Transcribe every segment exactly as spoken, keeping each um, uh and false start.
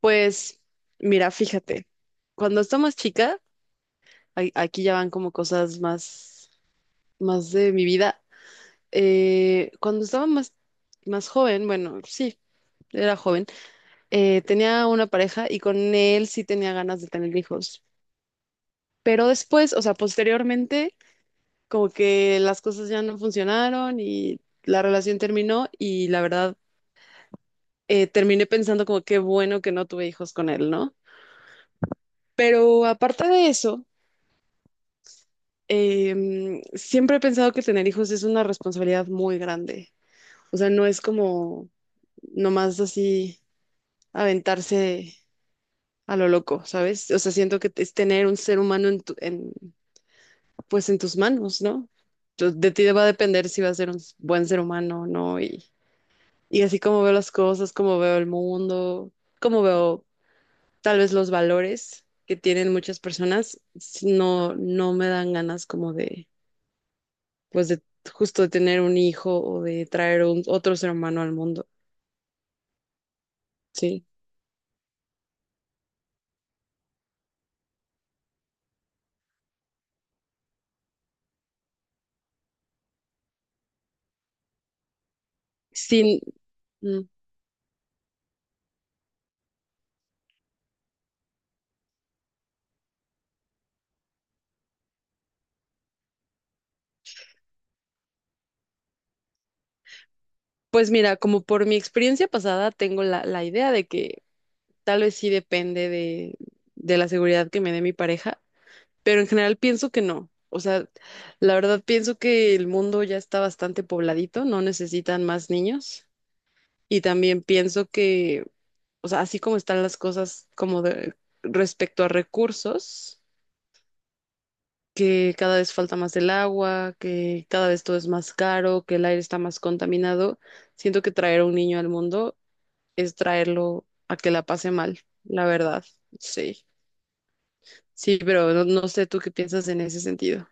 Pues mira, fíjate, cuando estaba más chica, ay- aquí ya van como cosas más, más de mi vida. Eh, cuando estaba más, más joven, bueno, sí, era joven, eh, tenía una pareja y con él sí tenía ganas de tener hijos. Pero después, o sea, posteriormente, como que las cosas ya no funcionaron y la relación terminó y la verdad, eh, terminé pensando como qué bueno que no tuve hijos con él, ¿no? Pero aparte de eso... em, siempre he pensado que tener hijos es una responsabilidad muy grande. O sea, no es como nomás así aventarse a lo loco, ¿sabes? O sea, siento que es tener un ser humano en tu- en, pues en tus manos, ¿no? Tú- De ti va a depender si va a ser un s- buen ser humano o no. Y, y así como veo las cosas, como veo el mundo, como veo tal vez los valores que tienen muchas personas, s- no, no me dan ganas como de pues de justo de tener un hijo o de traer un, otro ser humano al mundo, ¿sí? Sin, mm, pues mira, como por mi experiencia pasada, tengo la, la idea de que tal vez sí depende de, de la seguridad que me dé mi pareja, pero en general pienso que no. O sea, la verdad pienso que el mundo ya está bastante pobladito, no necesitan más niños. Y también pienso que, o sea, así como están las cosas como de, respecto a recursos, que cada vez falta más el agua, que cada vez todo es más caro, que el aire está más contaminado. Siento que traer a un niño al mundo es traerlo a que la pase mal, la verdad. Sí, sí, pero no, no sé tú qué piensas en ese sentido.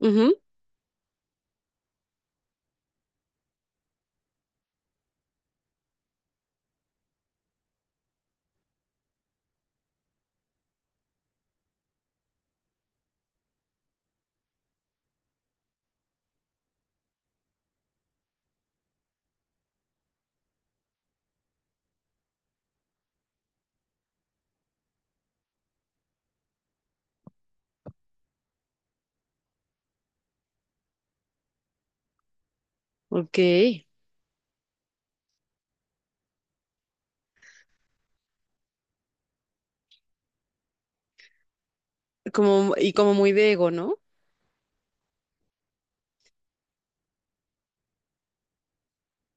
Ujú. Ok, como, y como muy de ego, ¿no?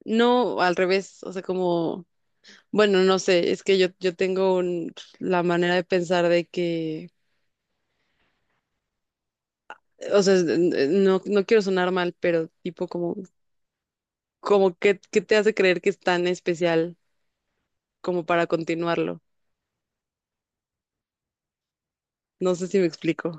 No, al revés, o sea, como, bueno, no sé, es que yo, yo tengo un- la manera de pensar de que, o sea, es- n- no, no quiero sonar mal, pero tipo como como que, qué te hace creer que es tan especial como para continuarlo. No sé si me explico.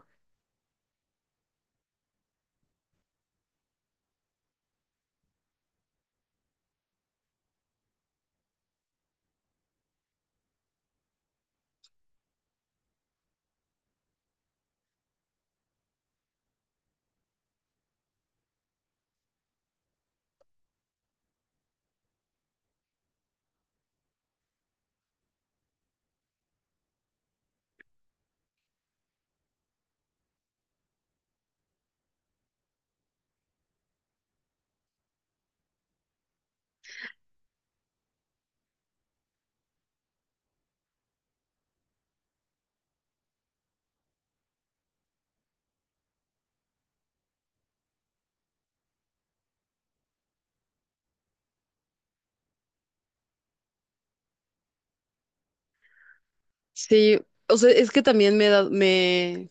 Sí, o sea, es que también me he dado- me,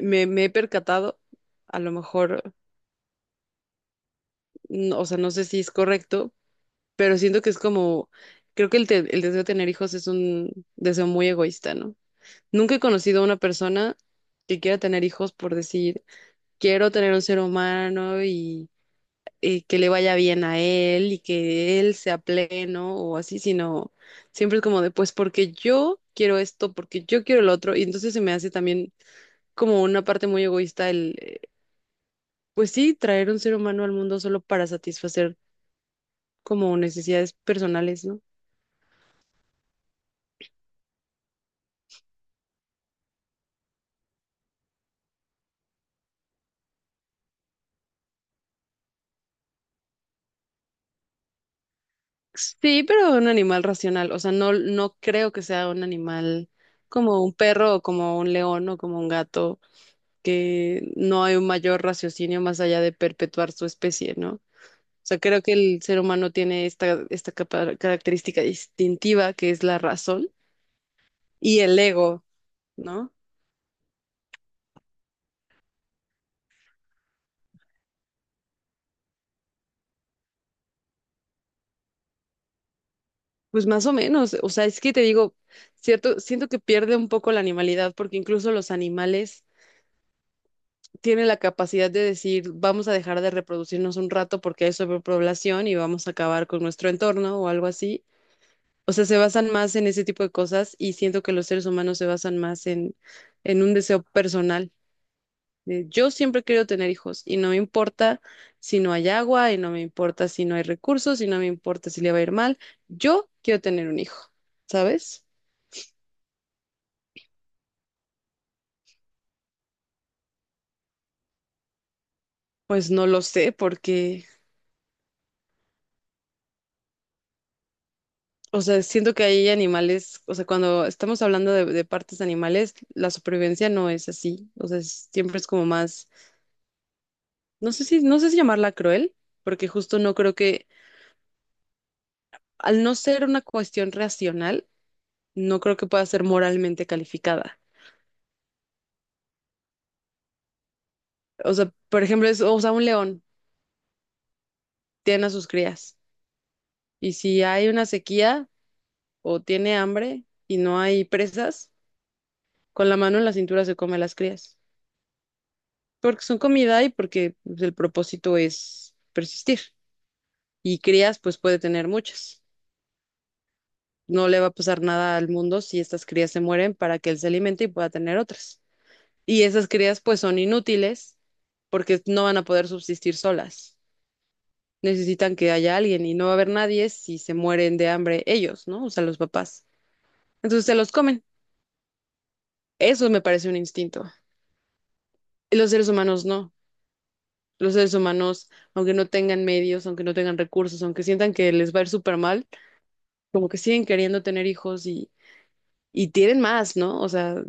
me, me he percatado, a lo mejor, no- o sea, no sé si es correcto, pero siento que es como, creo que el, te- el deseo de tener hijos es un deseo muy egoísta, ¿no? Nunca he conocido a una persona que quiera tener hijos por decir, quiero tener un ser humano eh, que le vaya bien a él y que él sea pleno o así, sino siempre es como de, pues porque yo quiero esto, porque yo quiero lo otro, y entonces se me hace también como una parte muy egoísta el, eh, pues sí, traer un ser humano al mundo solo para satisfacer como necesidades personales, ¿no? Sí, pero un animal racional, o sea, no, no creo que sea un animal como un perro o como un león o como un gato, que no hay un mayor raciocinio más allá de perpetuar su especie, ¿no? O sea, creo que el ser humano tiene esta, esta capa- característica distintiva que es la razón y el ego, ¿no? Pues más o menos, o sea, es que te digo, cierto, siento que pierde un poco la animalidad porque incluso los animales tienen la capacidad de decir, vamos a dejar de reproducirnos un rato porque hay sobrepoblación y vamos a acabar con nuestro entorno o algo así. O sea, se basan más en ese tipo de cosas y siento que los seres humanos se basan más en, en un deseo personal. Eh, Yo siempre he querido tener hijos y no me importa si no hay agua y no me importa si no hay recursos y no me importa si le va a ir mal. Yo quiero tener un hijo, ¿sabes? Pues no lo sé porque, o sea, siento que hay animales, o sea, cuando estamos hablando de, de partes animales, la supervivencia no es así, o sea, es- siempre es como más, no sé si, no sé si llamarla cruel, porque justo no creo que, al no ser una cuestión racional, no creo que pueda ser moralmente calificada. O sea, por ejemplo, es, o sea, un león. Tienen a sus crías. Y si hay una sequía o tiene hambre y no hay presas, con la mano en la cintura se come las crías, porque son comida y porque pues, el propósito es persistir. Y crías, pues puede tener muchas. No le va a pasar nada al mundo si estas crías se mueren para que él se alimente y pueda tener otras. Y esas crías, pues son inútiles porque no van a poder subsistir solas. Necesitan que haya alguien y no va a haber nadie si se mueren de hambre ellos, ¿no? O sea, los papás. Entonces se los comen. Eso me parece un instinto. Y los seres humanos no. Los seres humanos, aunque no tengan medios, aunque no tengan recursos, aunque sientan que les va a ir súper mal, como que siguen queriendo tener hijos y, y tienen más, ¿no? O sea,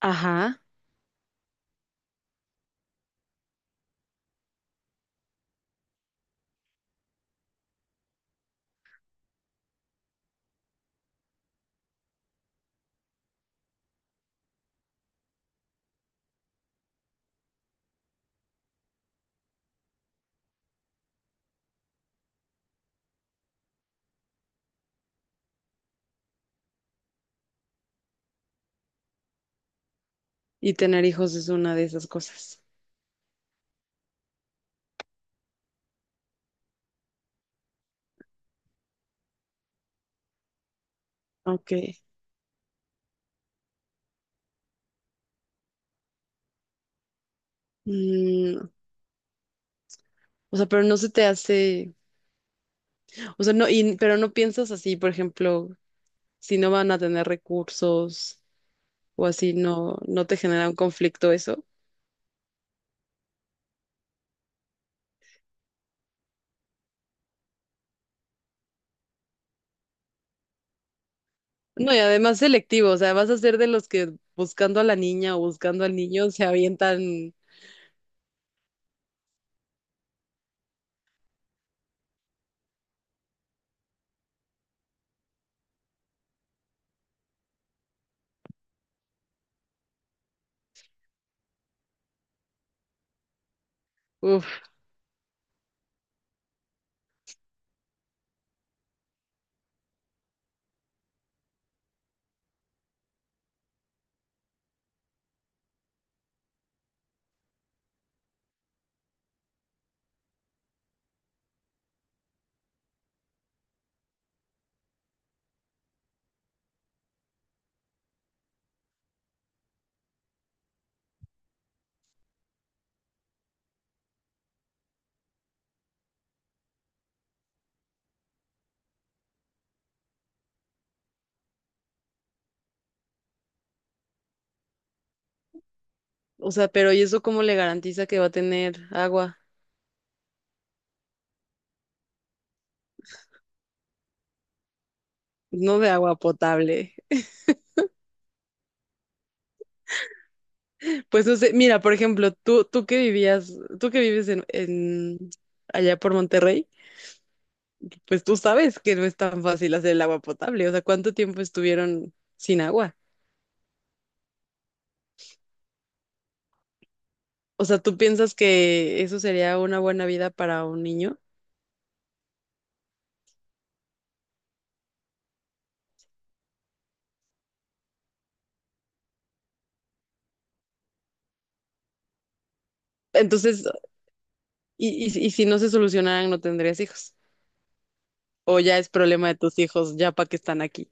ajá, y tener hijos es una de esas cosas. Ok. Mm, o sea, pero no se te hace, o sea, no, y, pero no piensas así, por ejemplo, si no van a tener recursos o así, no, no te genera un conflicto eso. No, y además selectivo, o sea, vas a ser de los que buscando a la niña o buscando al niño se avientan, uf, o sea, pero ¿y eso cómo le garantiza que va a tener agua? No de agua potable. Pues no sé, mira, por ejemplo, tú, tú que vivías, tú que vives en, en allá por Monterrey, pues tú sabes que no es tan fácil hacer el agua potable, o sea, ¿cuánto tiempo estuvieron sin agua? O sea, ¿tú piensas que eso sería una buena vida para un niño? Entonces, y, y, y si no se solucionaran, no tendrías hijos. O ya es problema de tus hijos, ya para que están aquí.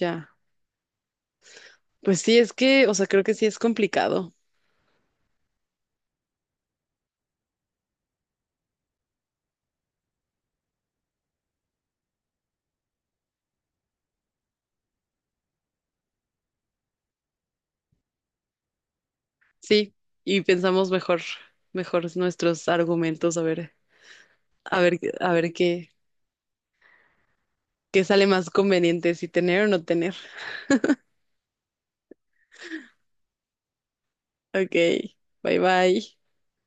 Ya. Pues sí, es que, o sea, creo que sí es complicado. Sí, y pensamos mejor, mejor nuestros argumentos, a ver, a ver, a ver qué, qué sale más conveniente, si tener o no tener. Ok, bye bye.